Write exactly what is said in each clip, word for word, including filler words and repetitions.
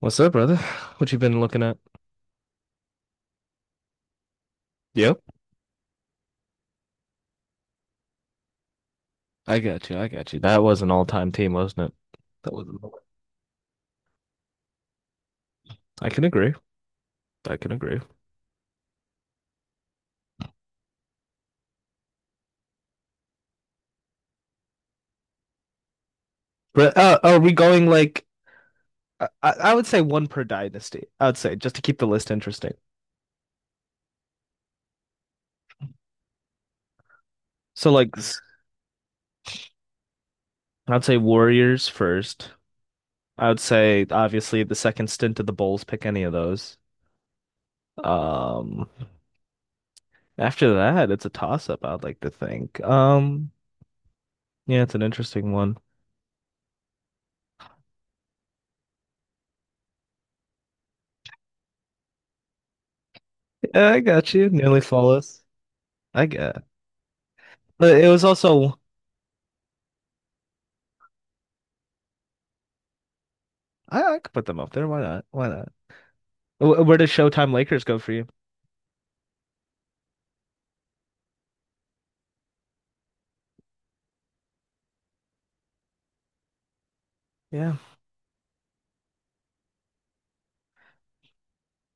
What's up, brother? What you been looking at? Yep, I got you. I got you. That was an all-time team, wasn't it? That was. an all- I can agree. I can agree. But uh, are we going like? I, I I would say one per dynasty. I would say just to keep the list interesting. So like, s- I'd say Warriors first. I would say obviously the second stint of the Bulls. Pick any of those. Um, After that, it's a toss-up. I'd like to think. Um, yeah, it's an interesting one. Yeah, I got you. Nearly flawless. I guess. But it was also I, I could put them up there. Why not? Why not? Wh- Where does Showtime Lakers go for you? Yeah.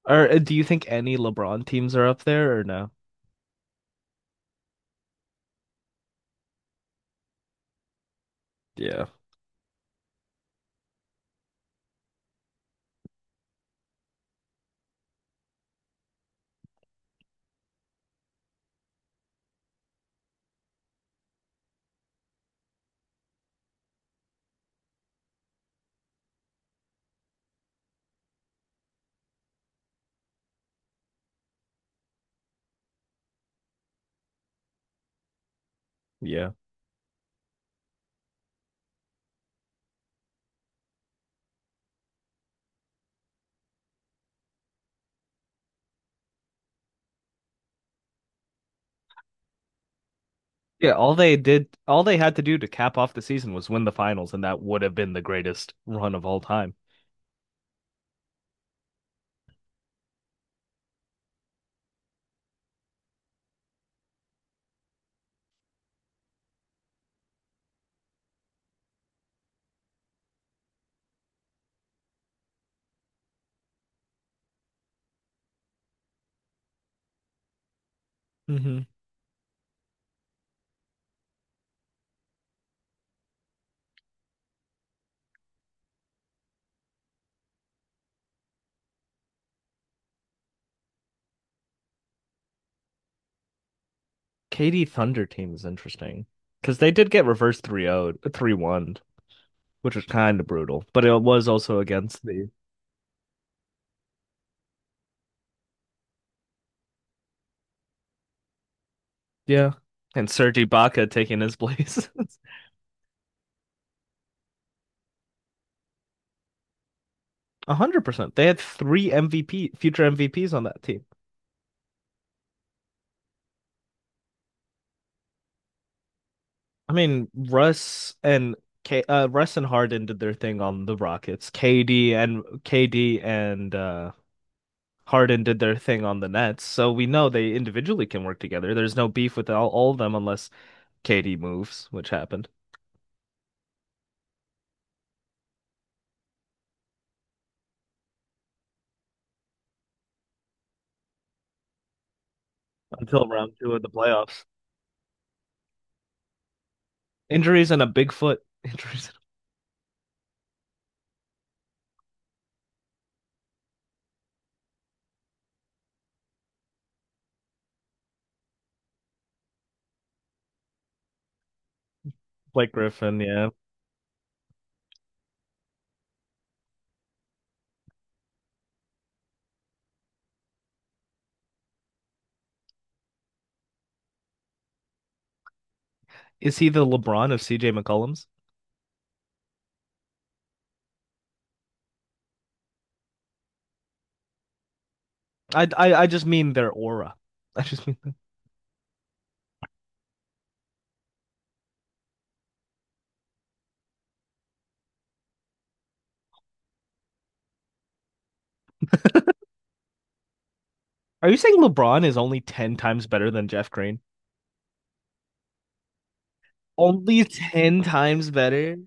Or uh, do you think any LeBron teams are up there or no? Yeah. Yeah. Yeah, all they did, all they had to do to cap off the season was win the finals, and that would have been the greatest run of all time. Mm-hmm. K D Thunder team is interesting because they did get reversed three oh, three one, which was kind of brutal, but it was also against the yeah, and Serge Ibaka taking his place. One hundred percent. They had three M V P future M V Ps on that team. I mean, Russ and K, uh, Russ and Harden did their thing on the Rockets. K D and K D and uh, Harden did their thing on the Nets. So we know they individually can work together. There's no beef with all, all of them unless K D moves, which happened until round two of the playoffs. Injuries and a big foot. Injuries and a Blake Griffin. Yeah, is he the LeBron of C J McCollum's? I I, I just mean their aura. I just mean. Are you saying LeBron is only ten times better than Jeff Green? Only ten times better.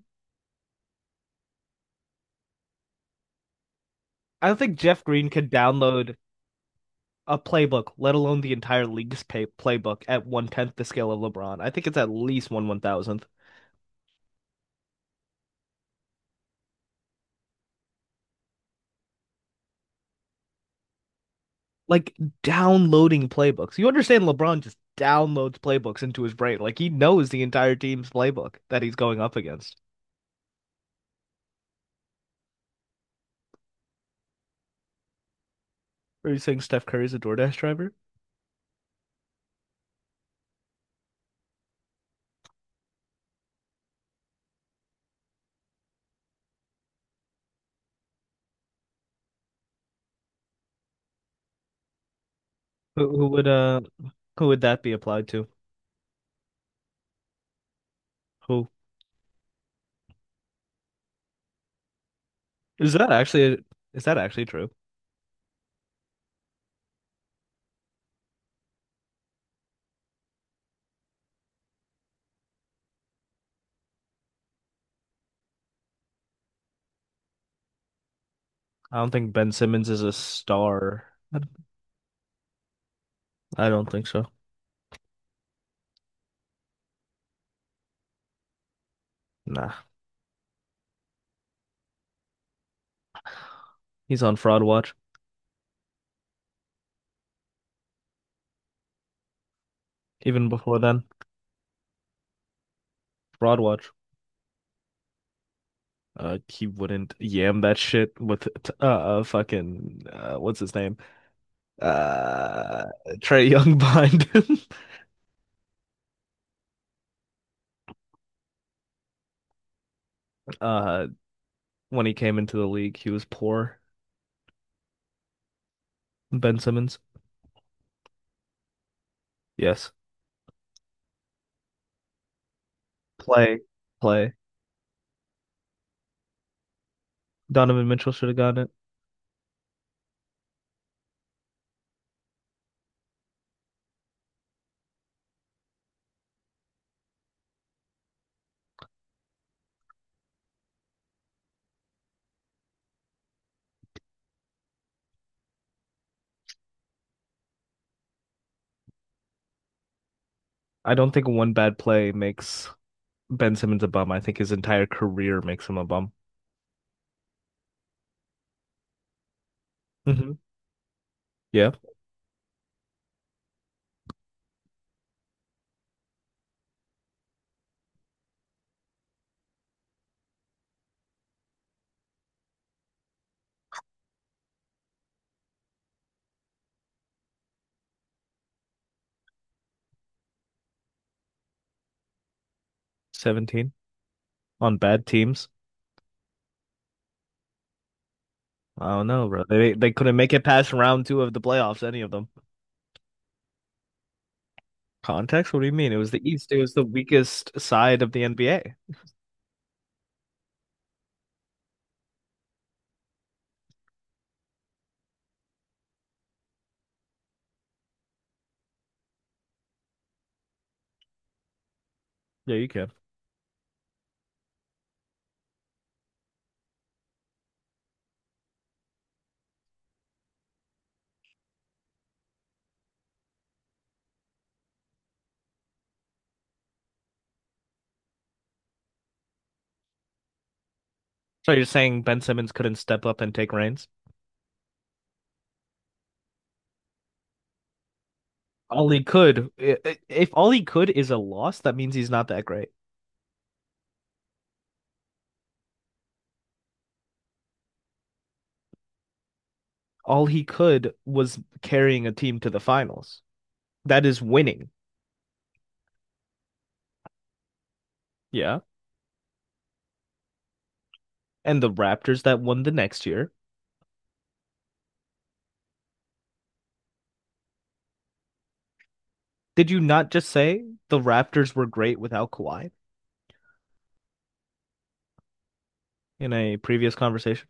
I don't think Jeff Green could download a playbook, let alone the entire league's pay- playbook, at one tenth the scale of LeBron. I think it's at least one one thousandth. Like downloading playbooks. You understand LeBron just downloads playbooks into his brain. Like he knows the entire team's playbook that he's going up against. Are you saying Steph Curry's a DoorDash driver? Who, who would uh who would that be applied to? Who is that actually? Is that actually true? I don't think Ben Simmons is a star. I don't I don't think so. Nah, he's on Fraud Watch. Even before then, Fraud Watch. Uh, he wouldn't yam that shit with t- uh, uh fucking uh what's his name? Uh, Trey Young behind him. Uh, when he came into the league, he was poor. Ben Simmons, yes, play, play. Donovan Mitchell should have gotten it. I don't think one bad play makes Ben Simmons a bum. I think his entire career makes him a bum. Hmm, yeah, seventeen on bad teams. I don't know, bro. They they couldn't make it past round two of the playoffs, any of them. Context? What do you mean? It was the East. It was the weakest side of the N B A. Yeah, you can. So you're saying Ben Simmons couldn't step up and take reins? All he could, I- I- if all he could is a loss, that means he's not that great. All he could was carrying a team to the finals. That is winning. Yeah. And the Raptors that won the next year. Did you not just say the Raptors were great without Kawhi in a previous conversation?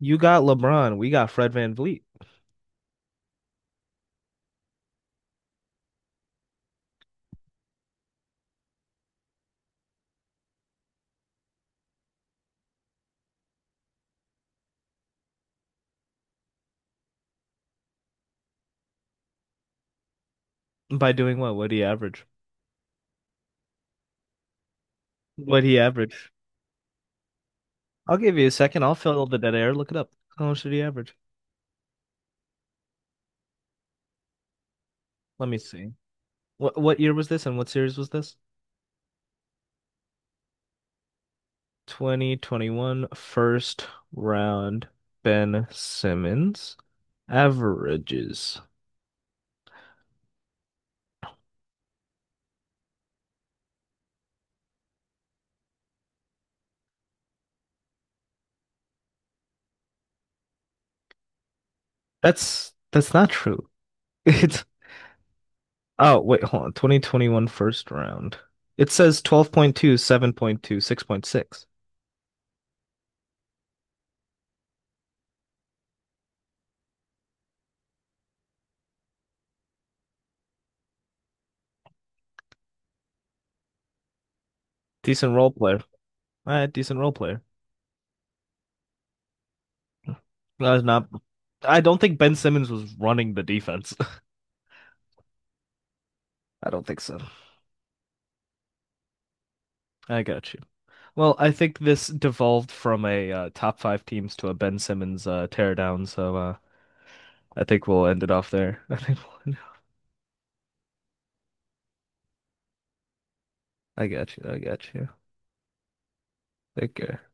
You got LeBron. We got Fred VanVleet. By doing what? What did he average? What he average? I'll give you a second. I'll fill the dead air. Look it up. How much did he average? Let me see. What what year was this and what series was this? Twenty twenty one first round Ben Simmons averages. That's that's not true. It's Oh, wait, hold on. Twenty twenty one first round. It says twelve point two, seven point two, six point six. Decent role player. Uh, decent role player. I was not. I don't think Ben Simmons was running the defense. I don't think so. I got you. Well, I think this devolved from a uh, top five teams to a Ben Simmons uh, teardown, so uh, I think we'll end it off there. I think we'll end it. I got you. I got you. Take care.